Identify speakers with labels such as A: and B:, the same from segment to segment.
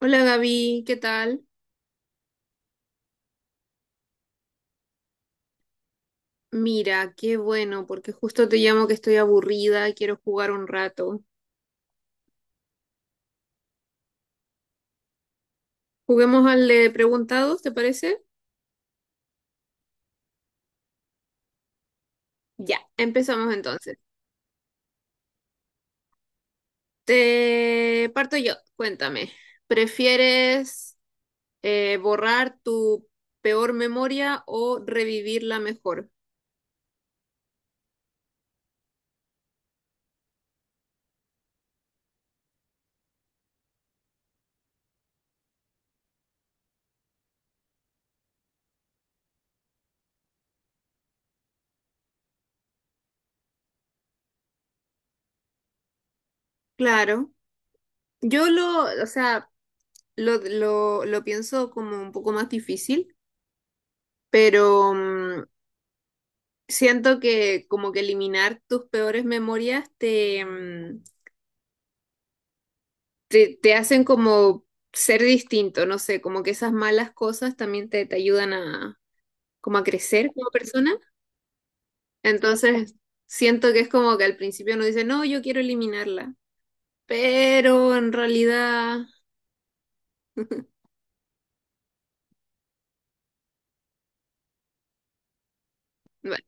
A: Hola Gaby, ¿qué tal? Mira, qué bueno, porque justo te llamo que estoy aburrida y quiero jugar un rato. Juguemos al de preguntados, ¿te parece? Ya, empezamos entonces. Te parto yo, cuéntame. ¿Prefieres borrar tu peor memoria o revivir la mejor? Claro, o sea, lo pienso como un poco más difícil, pero siento que como que eliminar tus peores memorias te hacen como ser distinto, no sé, como que esas malas cosas también te ayudan a como a crecer como persona. Entonces, siento que es como que al principio uno dice, no, yo quiero eliminarla, pero en realidad, bueno,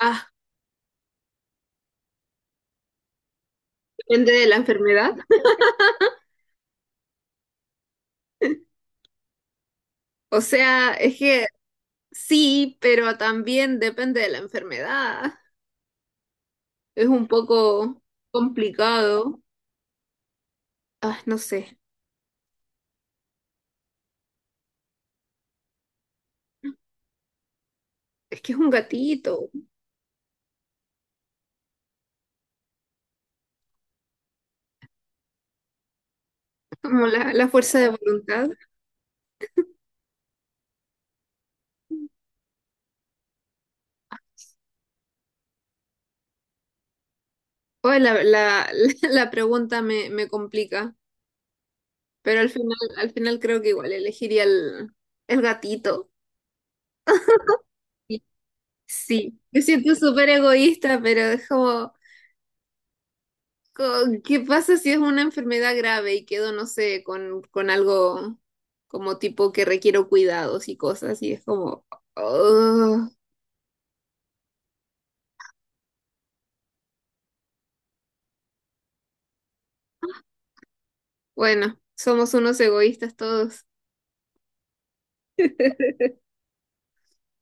A: ah, depende de la enfermedad. O sea, es que sí, pero también depende de la enfermedad. Es un poco complicado. Ah, no sé, es que es un gatito, como la fuerza de voluntad. Oye, la pregunta me complica, pero al final creo que igual elegiría el gatito. Y sí, me siento súper egoísta, pero es como, co- ¿qué pasa si es una enfermedad grave y quedo, no sé, con algo como tipo que requiero cuidados y cosas? Y es como, oh, bueno, somos unos egoístas todos.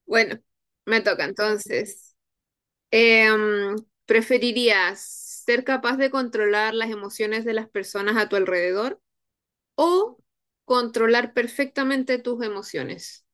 A: Bueno, me toca entonces. Em, ¿Preferirías ser capaz de controlar las emociones de las personas a tu alrededor o controlar perfectamente tus emociones?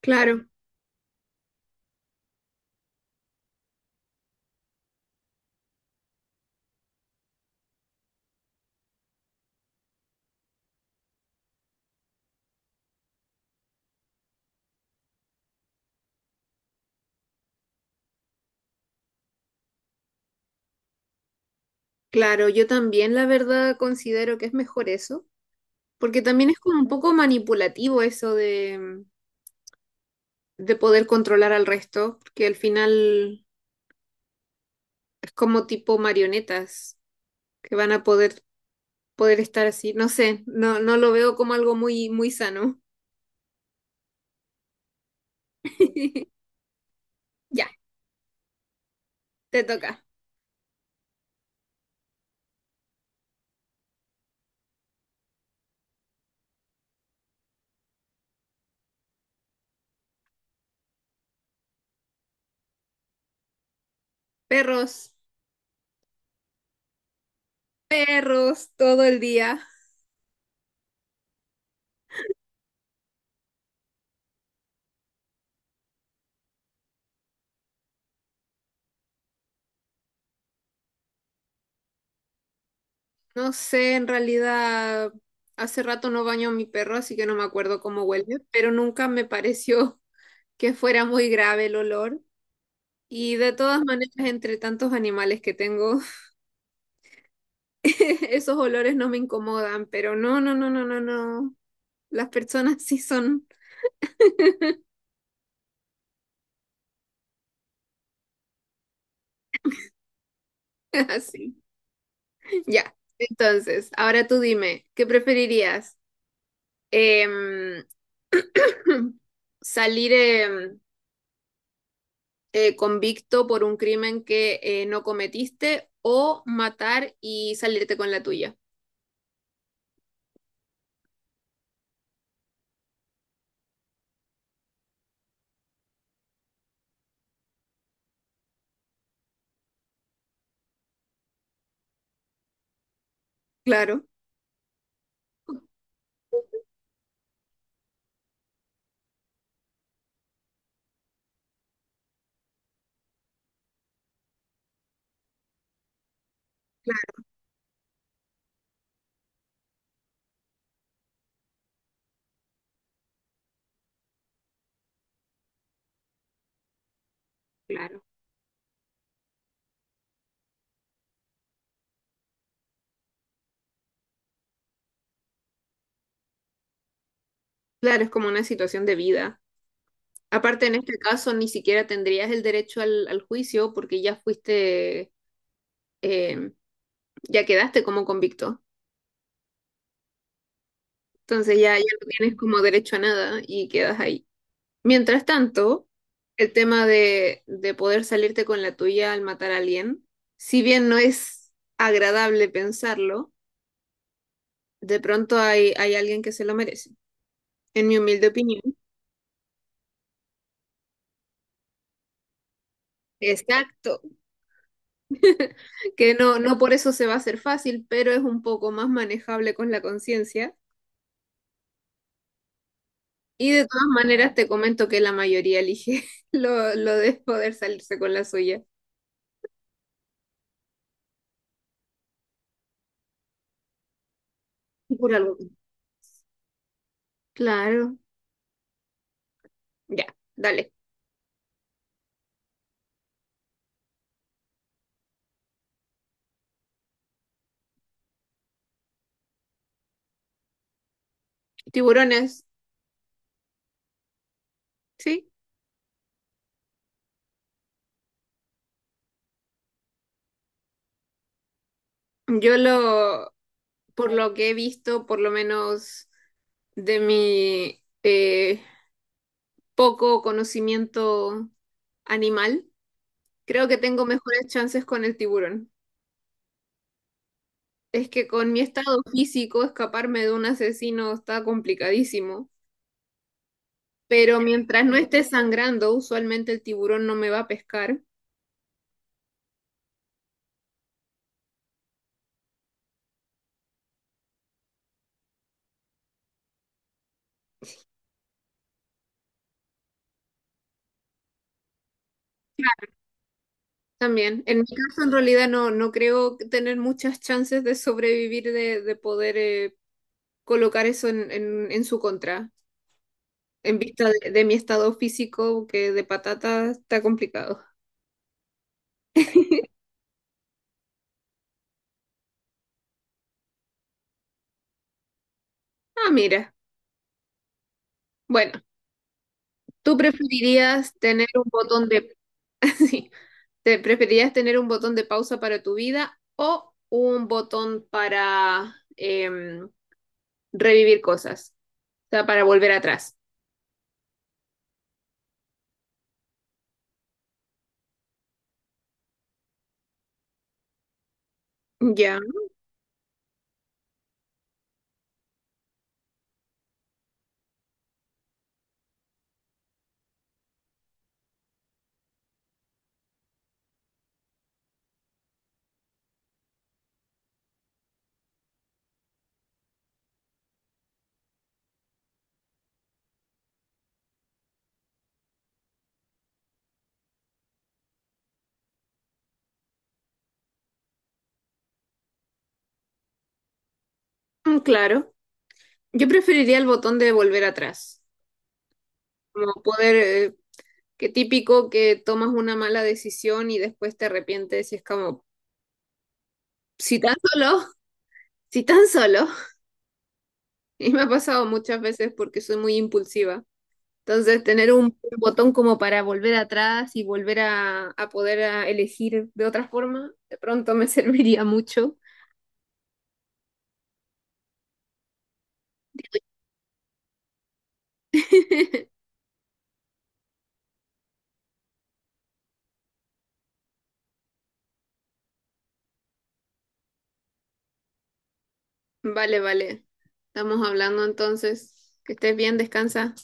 A: Claro, claro, yo también la verdad considero que es mejor eso, porque también es como un poco manipulativo eso de poder controlar al resto, porque al final es como tipo marionetas que van a poder, poder estar así. No sé, no, no lo veo como algo muy, muy sano. Ya, te toca. Perros, perros todo el día. No sé, en realidad hace rato no baño a mi perro, así que no me acuerdo cómo huele, pero nunca me pareció que fuera muy grave el olor. Y de todas maneras, entre tantos animales que tengo, esos olores no me incomodan, pero no, no, no, no, no, no. Las personas sí son así. Ya, entonces, ahora tú dime, ¿qué preferirías? Em, salir, convicto por un crimen que no cometiste o matar y salirte con la tuya. Claro, claro, claro. Claro, es como una situación de vida. Aparte, en este caso, ni siquiera tendrías el derecho al juicio porque ya fuiste, eh, ya quedaste como convicto. Entonces ya, ya no tienes como derecho a nada y quedas ahí. Mientras tanto, el tema de poder salirte con la tuya al matar a alguien, si bien no es agradable pensarlo, de pronto hay, hay alguien que se lo merece, en mi humilde opinión. Exacto, que no, no por eso se va a hacer fácil, pero es un poco más manejable con la conciencia. Y de todas maneras te comento que la mayoría elige lo de poder salirse con la suya. Por algo. Claro. Ya, dale. Tiburones, ¿sí? Yo lo, por lo que he visto, por lo menos de mi poco conocimiento animal, creo que tengo mejores chances con el tiburón. Es que con mi estado físico, escaparme de un asesino está complicadísimo, pero mientras no esté sangrando, usualmente el tiburón no me va a pescar. También, en mi caso, en realidad no, no creo tener muchas chances de sobrevivir, de poder colocar eso en, en su contra. En vista de mi estado físico, que de patata está complicado. Ah, mira. Bueno, ¿tú preferirías tener un botón de... sí, ¿te preferirías tener un botón de pausa para tu vida o un botón para revivir cosas? O sea, para volver atrás. Ya, mm, claro. Yo preferiría el botón de volver atrás. Como poder... qué típico que tomas una mala decisión y después te arrepientes y es como, si tan solo, si tan solo. Y me ha pasado muchas veces porque soy muy impulsiva. Entonces, tener un botón como para volver atrás y volver a poder a elegir de otra forma, de pronto me serviría mucho. Vale, vale. Estamos hablando entonces. Que estés bien, descansa.